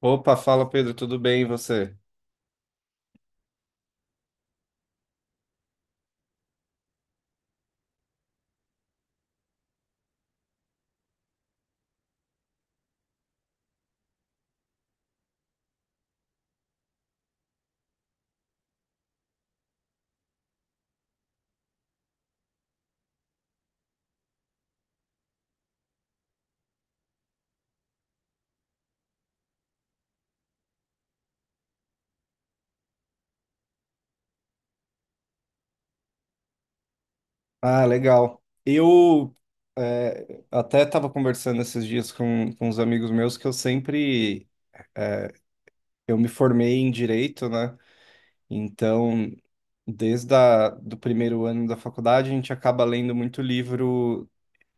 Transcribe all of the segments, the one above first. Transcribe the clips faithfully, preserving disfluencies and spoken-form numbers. Opa, fala Pedro, tudo bem e você? Ah, legal. Eu é, até estava conversando esses dias com, com uns amigos meus que eu sempre eu me formei em direito, né? Então, desde a, do primeiro ano da faculdade, a gente acaba lendo muito livro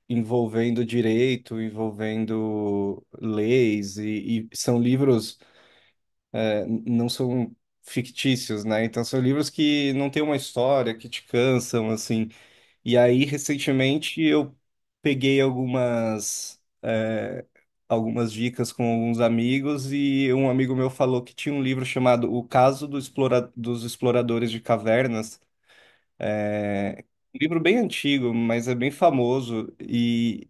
envolvendo direito, envolvendo leis, e, e são livros, é, não são fictícios, né? Então, são livros que não têm uma história, que te cansam, assim. E aí, recentemente, eu peguei algumas, é, algumas dicas com alguns amigos e um amigo meu falou que tinha um livro chamado O Caso do Explora- dos Exploradores de Cavernas. É Um livro bem antigo, mas é bem famoso e,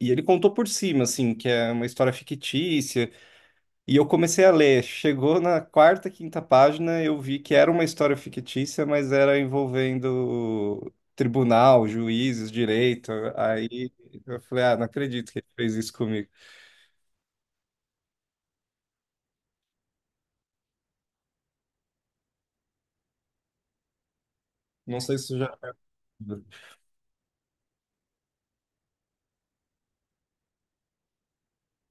e ele contou por cima, assim, que é uma história fictícia, e eu comecei a ler. Chegou na quarta, quinta página, eu vi que era uma história fictícia, mas era envolvendo tribunal, juízes, direito. Aí eu falei, ah, não acredito que ele fez isso comigo. Não sei se já.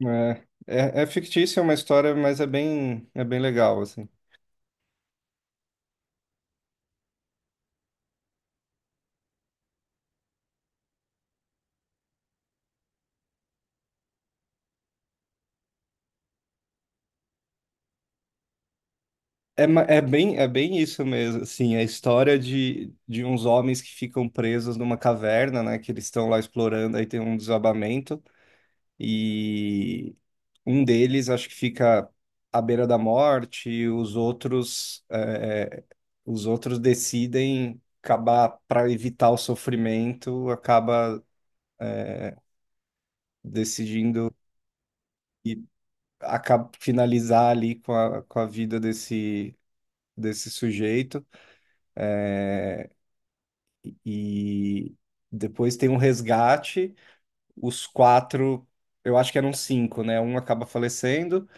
É, é, é fictícia, é uma história, mas é bem, é bem legal, assim. É, ma- é bem, é bem isso mesmo, assim, a história de, de uns homens que ficam presos numa caverna, né, que eles estão lá explorando, aí tem um desabamento. E um deles acho que fica à beira da morte, e os outros, é, os outros decidem acabar para evitar o sofrimento, acaba decidindo e acaba finalizar ali com a, com a vida desse, desse sujeito. E depois tem um resgate, os quatro, eu acho que eram cinco, né? Um acaba falecendo,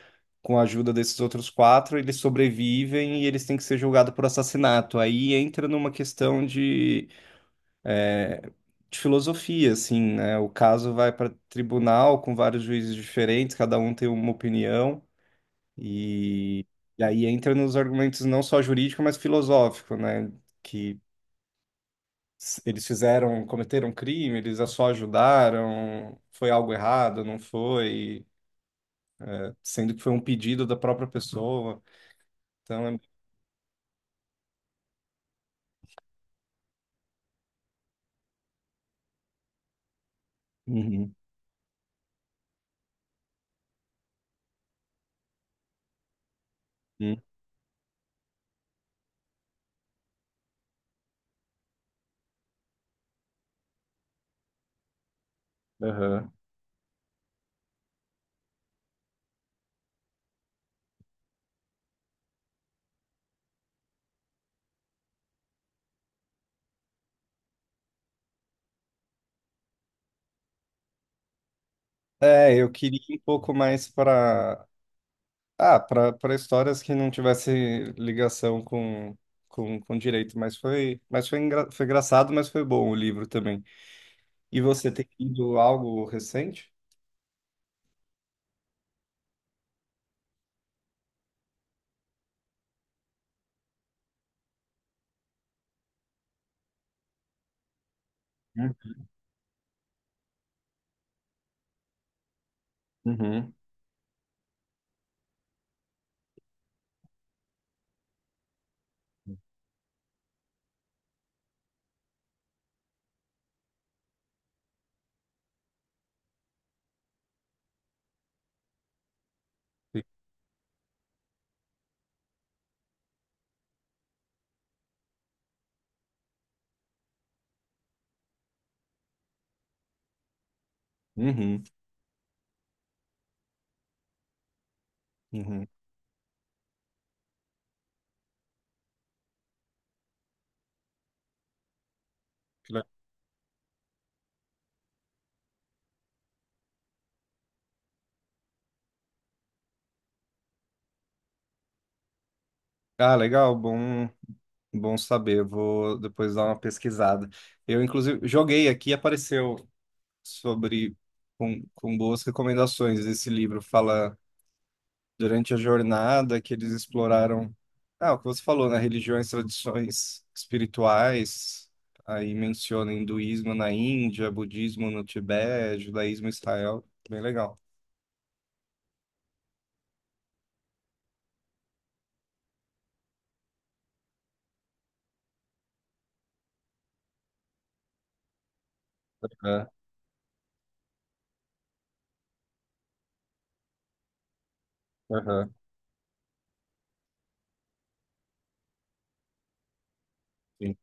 com a ajuda desses outros quatro, eles sobrevivem e eles têm que ser julgados por assassinato. Aí entra numa questão de, é, de filosofia, assim, né? O caso vai para tribunal com vários juízes diferentes, cada um tem uma opinião, e, e aí entra nos argumentos não só jurídico, mas filosófico, né? Que s- Eles fizeram, cometeram crime, eles só ajudaram, foi algo errado, não foi, sendo que foi um pedido da própria pessoa. Então é. Uhum. Aham. É, eu queria ir um pouco mais para ah, para para histórias que não tivesse ligação com, com, com direito, mas foi mas foi, engra... foi engraçado, mas foi bom o livro também. E você tem lido algo recente? Hum. Uhum. Uhum, uhum. Que le- Ah, legal, bom bom saber. Eu vou depois dar uma pesquisada. Eu inclusive joguei aqui, apareceu sobre com, com boas recomendações esse livro. Fala durante a jornada que eles exploraram, ah, o que você falou, né? Religiões, tradições espirituais, aí menciona hinduísmo na Índia, budismo no Tibete, judaísmo em Israel, bem legal. Aham, aham, sim.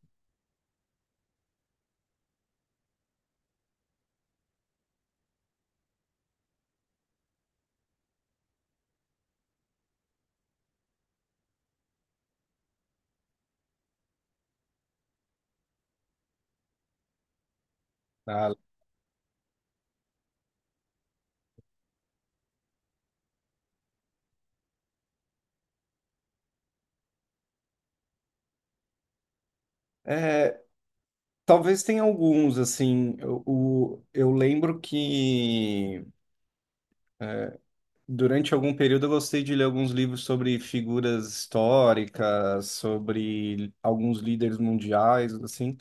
Ah, é, talvez tenha alguns, assim, o, o- eu lembro que durante algum período eu gostei de ler alguns livros sobre figuras históricas, sobre alguns líderes mundiais, assim,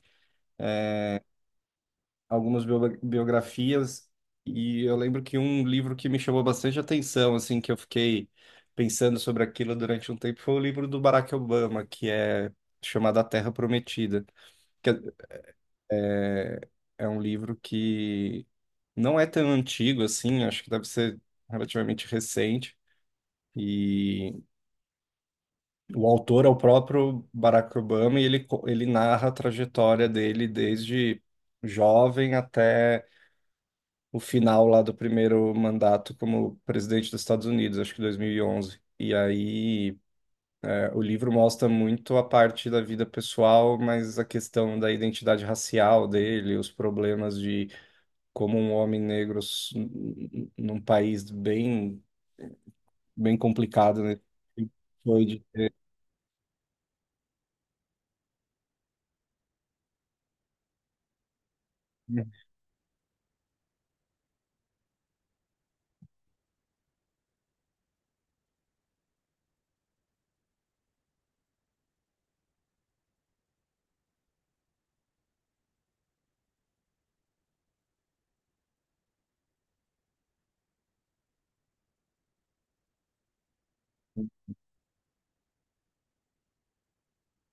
algumas bio- biografias, e eu lembro que um livro que me chamou bastante atenção, assim, que eu fiquei pensando sobre aquilo durante um tempo, foi o livro do Barack Obama, que é chamado A Terra Prometida, que é, é é um livro que não é tão antigo assim, acho que deve ser relativamente recente. E o autor é o próprio Barack Obama e ele, co- ele narra a trajetória dele desde jovem até o final lá do primeiro mandato como presidente dos Estados Unidos, acho que dois mil e onze. E onze. E aí, é, o livro mostra muito a parte da vida pessoal, mas a questão da identidade racial dele, os problemas de como um homem negro s- n- num país bem, bem complicado, né? Foi de...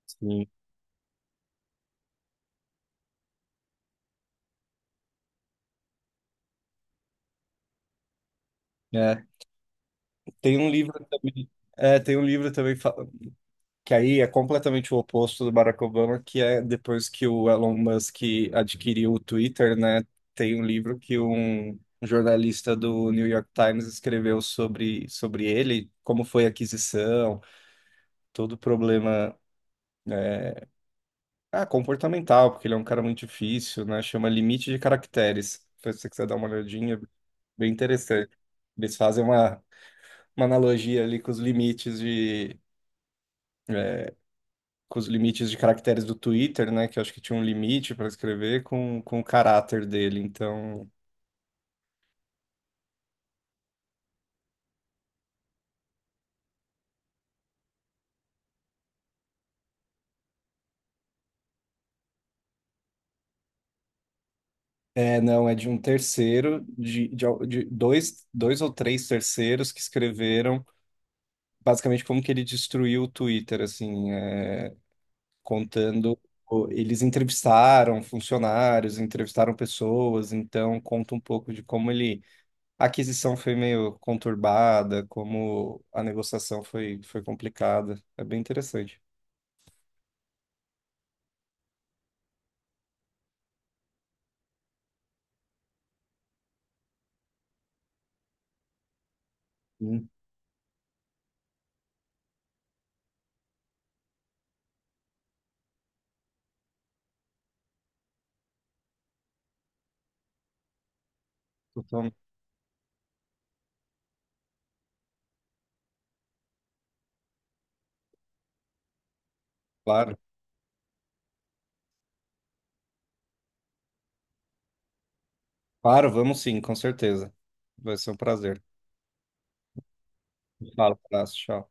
Sim. É, tem um livro também, é, tem um livro também fa- que aí é completamente o oposto do Barack Obama, que é depois que o Elon Musk adquiriu o Twitter, né? Tem um livro que um jornalista do New York Times escreveu sobre, sobre ele, como foi a aquisição, todo o problema é, ah, comportamental, porque ele é um cara muito difícil, né? Chama Limite de Caracteres. Se você quiser dar uma olhadinha, bem interessante. Eles fazem uma, uma analogia ali com os limites de é, com os limites de caracteres do Twitter, né? Que eu acho que tinha um limite para escrever com, com o caráter dele. Então, é, não, é de um terceiro, de, de, al- de dois, dois ou três terceiros que escreveram basicamente como que ele destruiu o Twitter, assim, é, contando. o- Eles entrevistaram funcionários, entrevistaram pessoas, então conta um pouco de como ele. A aquisição foi meio conturbada, como a negociação foi, foi complicada. É bem interessante. Sim, totalmente. Claro, claro, vamos sim, com certeza. Vai ser um prazer. Fala, abraço, tchau.